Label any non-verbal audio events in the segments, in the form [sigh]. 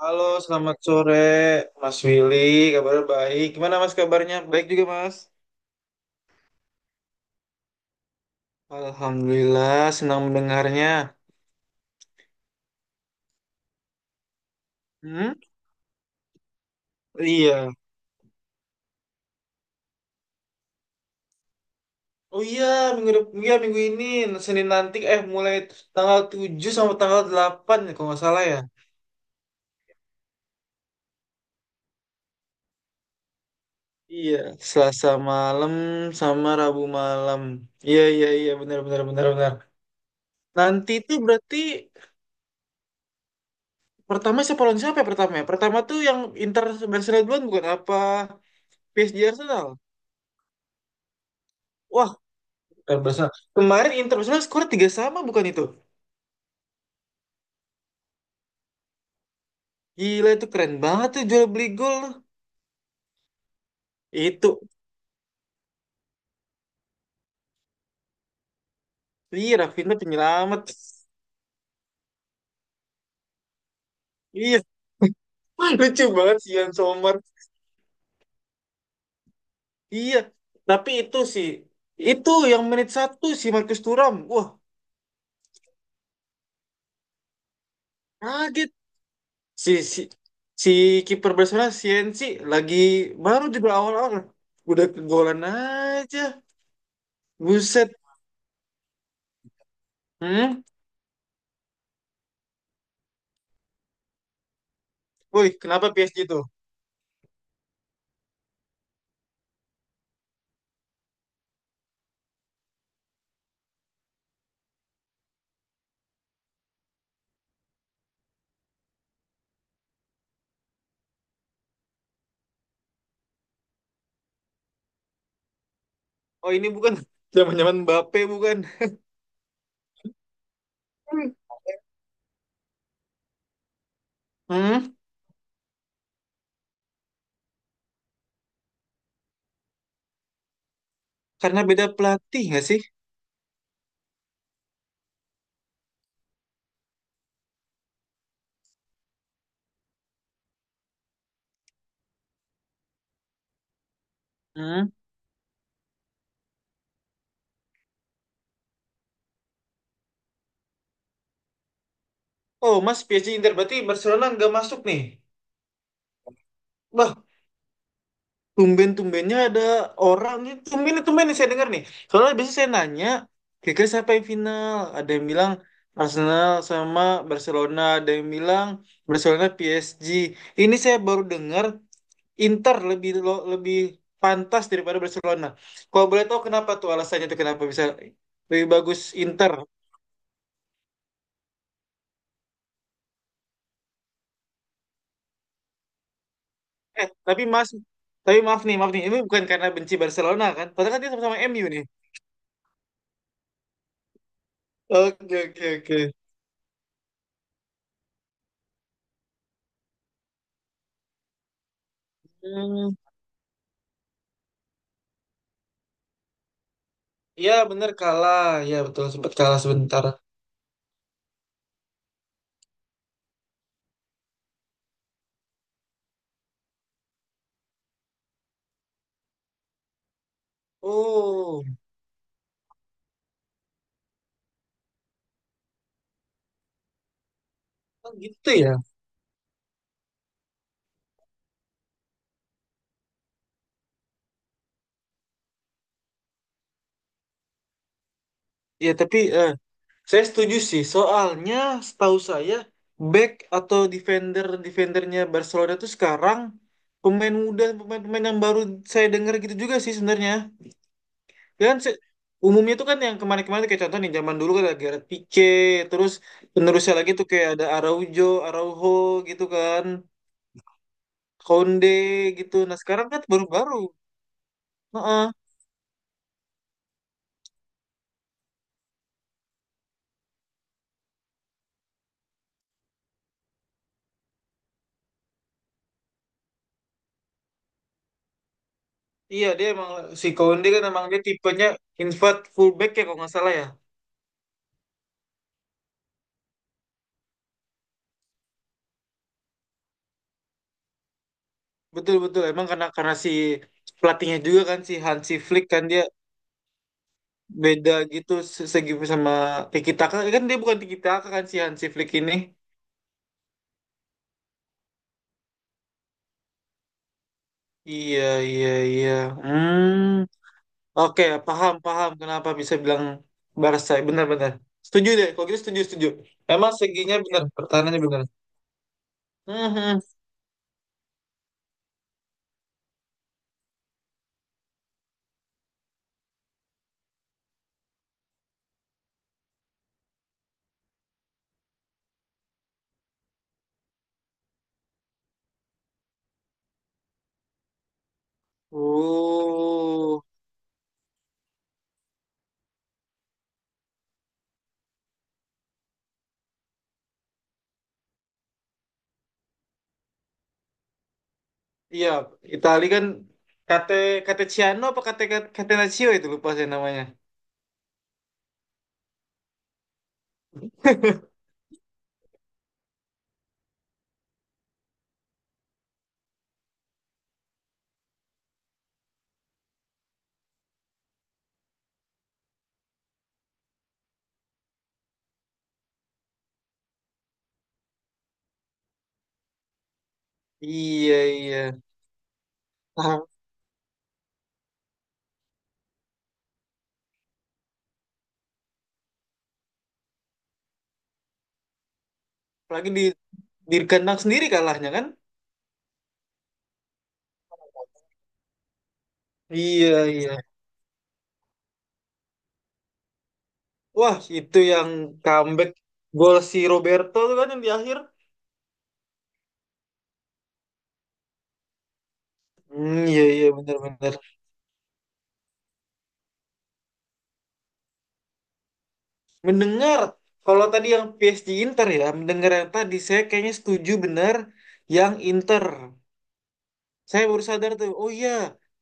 Halo, selamat sore Mas Willy. Kabar baik. Gimana Mas kabarnya? Baik juga Mas. Alhamdulillah, senang mendengarnya. Hmm? Iya. Oh iya, iya, minggu ini Senin nanti mulai tanggal 7 sampai tanggal 8, ya, kalau nggak salah ya. Iya, Selasa malam sama Rabu malam. Iya, iya, iya, benar benar benar benar. Nanti itu berarti pertama siapa lawan siapa ya? Pertama tuh yang Inter Barcelona duluan bukan apa PSG Arsenal? Wah, eh, Barcelona. Kemarin Internasional skor 3-3 bukan itu? Gila itu keren banget tuh jual beli gol. Itu. Iya Rafinha penyelamat. Iya. [laughs] Lucu banget si Ian Sommer. Iya. Tapi itu sih. Itu yang menit 1 si Marcus Thuram. Wah kaget. Si si si kiper Barcelona CNC lagi baru juga awal-awal. Udah kegolan aja. Buset. Hmm? Woi, kenapa PSG tuh? Oh ini bukan [laughs] zaman-zaman Mbappe bukan? Hmm? Hmm? Karena beda pelatih nggak sih? Hmm. Oh, Mas PSG Inter berarti Barcelona nggak masuk nih. Wah, tumben-tumbennya ada orang nih. Tumben tumben nih saya dengar nih. Soalnya biasanya saya nanya, kira-kira siapa yang final? Ada yang bilang Arsenal sama Barcelona, ada yang bilang Barcelona PSG. Ini saya baru dengar Inter lebih pantas daripada Barcelona. Kalau boleh tahu kenapa tuh alasannya tuh kenapa bisa lebih bagus Inter. Eh, tapi Mas, tapi maaf nih, maaf nih. Ini bukan karena benci Barcelona kan? Padahal kan dia sama-sama MU nih. Oke, oke, oke. Hmm, ya bener kalah. Ya betul, sempat kalah sebentar. Oh, oh gitu ya. Ya tapi eh, saya setuju sih. Soalnya setahu saya back atau defendernya Barcelona tuh sekarang pemain muda, pemain-pemain yang baru saya dengar gitu juga sih sebenarnya. Ya kan umumnya tuh kan yang kemarin-kemarin tuh kayak contoh nih zaman dulu kan ada Gareth Pique, terus penerusnya lagi tuh kayak ada Araujo, Araujo gitu kan, Konde gitu. Nah sekarang kan baru-baru. Heeh. Iya dia emang si Konde kan emang dia tipenya invert fullback ya kalau nggak salah ya. Betul betul emang karena si pelatihnya juga kan si Hansi Flick kan dia beda gitu segi sama Tiki Taka kan dia bukan Tiki Taka kan si Hansi Flick ini. Iya iya iya. Hmm. Oke, paham, paham kenapa bisa bilang Barca. Benar-benar. Setuju deh, kalau gitu setuju, setuju. Emang seginya benar, pertahanannya benar. Mhm. Oh, iya. Itali kan Kate Kateciano apa Catenaccio itu lupa saya namanya. [laughs] Iya, iya. Nah, apalagi di kandang sendiri kalahnya kan? Iya, iya. Wah, itu yang comeback gol si Roberto tuh kan yang di akhir. Hmm, iya, iya, benar-benar. Mendengar, kalau tadi yang PSG Inter ya, mendengar yang tadi saya kayaknya setuju benar yang Inter. Saya baru sadar tuh, oh iya,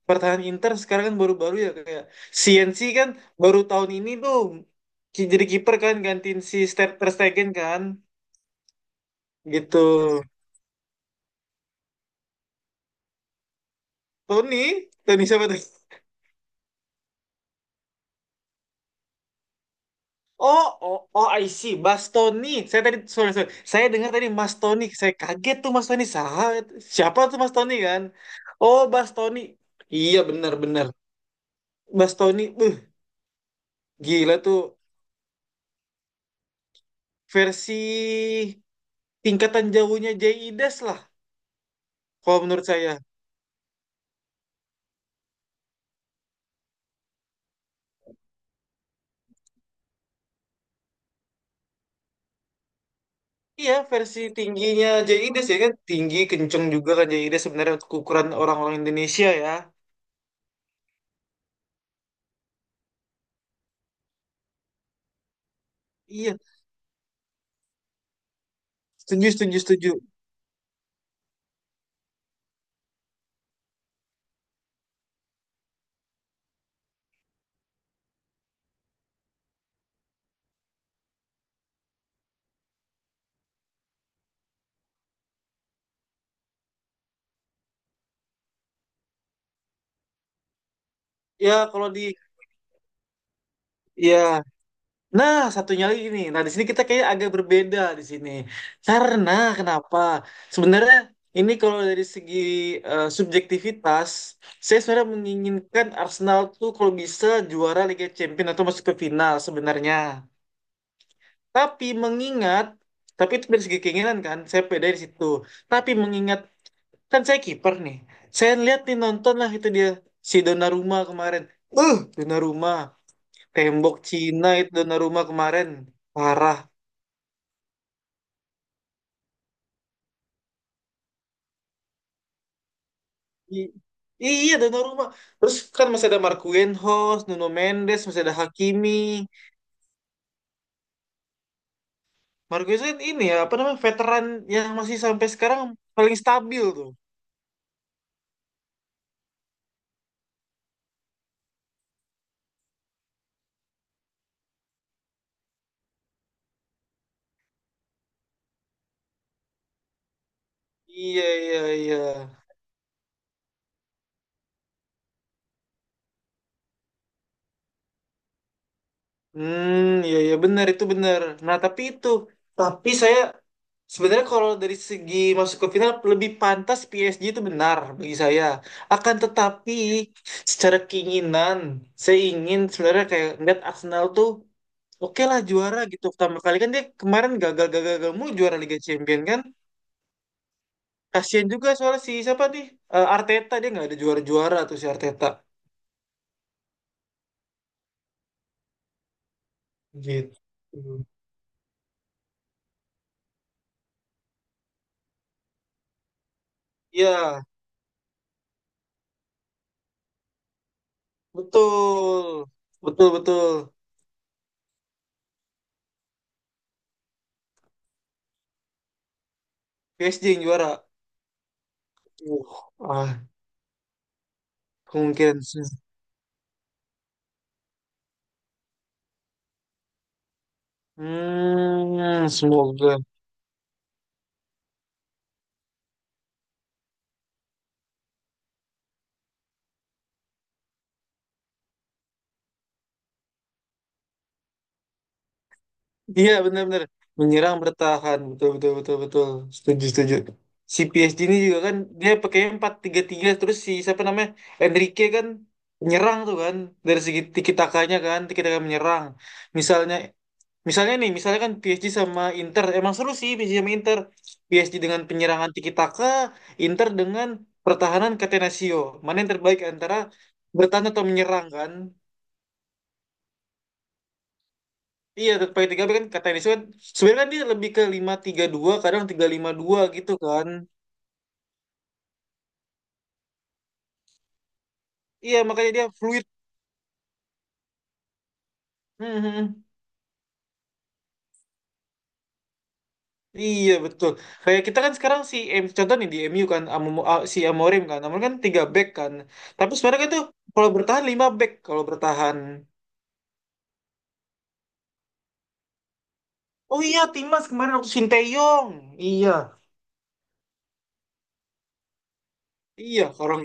pertahanan Inter sekarang kan baru-baru ya kayak CNC kan baru tahun ini tuh jadi kiper kan gantiin si Ter Ter Stegen kan gitu. Tony, Tony siapa tuh? Oh, oh, oh, I see. Mas Tony. Saya tadi, sorry, sorry. Saya dengar tadi Mas Tony. Saya kaget tuh Mas Tony. Siapa tuh Mas Tony kan? Oh, Mas Tony. Iya, benar-benar. Mas Tony, gila tuh. Versi tingkatan jauhnya Jaides lah. Kalau menurut saya. Iya, versi tingginya Jaides ya kan. Tinggi, kenceng juga kan Jaides sebenarnya untuk ukuran orang-orang Indonesia ya. Iya, setuju, setuju, setuju. Ya, kalau di. Ya, nah, satunya lagi nih. Nah, di sini kita kayak agak berbeda di sini. Karena kenapa? Sebenarnya ini kalau dari segi subjektivitas, saya sebenarnya menginginkan Arsenal tuh kalau bisa juara Liga Champions atau masuk ke final sebenarnya. Tapi mengingat, tapi itu dari segi keinginan kan, saya beda di situ. Tapi mengingat, kan saya kiper nih. Saya lihat nih nonton lah itu dia si Donnarumma kemarin. Donnarumma, tembok Cina itu Donnarumma kemarin. Parah. I- Iya Donnarumma. Terus kan masih ada Marquinhos, Nuno Mendes, masih ada Hakimi. Marquinhos kan ini ya, apa namanya, veteran yang masih sampai sekarang paling stabil tuh. Iya, iya, iya. Hmm, iya iya benar itu benar. Nah, tapi itu tapi saya sebenarnya kalau dari segi masuk ke final lebih pantas PSG itu benar bagi saya. Akan tetapi secara keinginan saya ingin sebenarnya kayak ngeliat Arsenal tuh oke lah juara gitu. Pertama kali kan dia kemarin gagal-gagal mulu juara Liga Champion kan. Kasian juga soalnya si siapa nih? Eh, Arteta dia nggak ada juara-juara tuh si Arteta. Gitu. Iya, betul. Betul betul. PSG yang juara. Uh, ah, kemungkinan sih. Hmm, semoga. Iya benar-benar menyerang bertahan betul betul betul betul setuju setuju. Si PSG ini juga kan dia pakai 4-3-3 terus si siapa namanya Enrique kan menyerang tuh kan dari segi tiki takanya kan tiki taka menyerang. Misalnya misalnya nih misalnya kan PSG sama Inter emang seru sih PSG sama Inter. PSG dengan penyerangan tiki taka, Inter dengan pertahanan Catenaccio. Mana yang terbaik antara bertahan atau menyerang kan? Iya, pakai 3 back kan kata Iniesta kan sebenarnya kan dia lebih ke 5-3-2 kadang 3-5-2 gitu kan. Iya, makanya dia fluid. Mhm. Iya, betul. Kayak kita kan sekarang si M contoh nih di MU kan si Amorim kan. Amorim kan 3 back kan. Tapi sebenarnya kan itu kalau bertahan 5 back kalau bertahan. Oh iya, Timas kemarin waktu Sinteyong. Iya. Iya, orang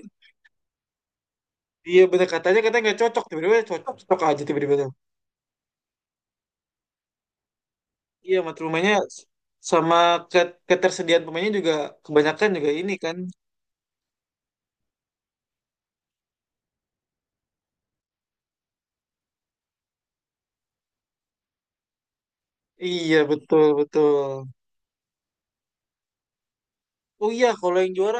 iya bener katanya katanya nggak cocok tiba-tiba cocok cocok aja tiba-tiba. Iya, mata pemainnya sama ketersediaan pemainnya juga kebanyakan juga ini kan. Iya, betul, betul. Oh iya, kalau yang juara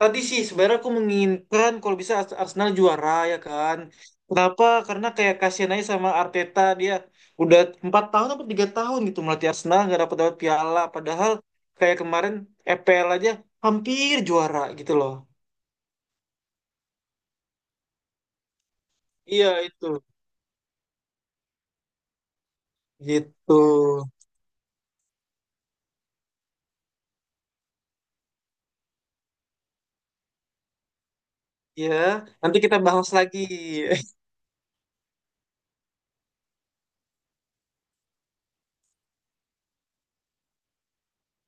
tadi sih sebenarnya aku menginginkan kalau bisa Arsenal juara ya kan. Kenapa? Karena kayak kasihan aja sama Arteta dia udah 4 tahun atau 3 tahun gitu melatih Arsenal nggak dapat dapat piala. Padahal kayak kemarin EPL aja hampir juara gitu loh. Iya itu, gitu. Ya, nanti kita bahas lagi.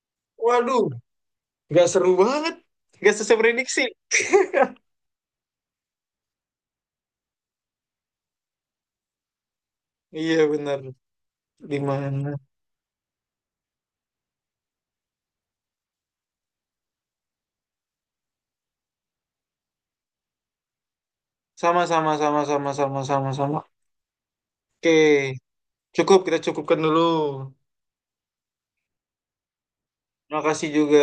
[laughs] Waduh. Gak seru banget. Gak sesuai prediksi. Iya benar. Di mana? Sama sama sama sama sama sama sama. Oke, cukup kita cukupkan dulu. Terima kasih juga.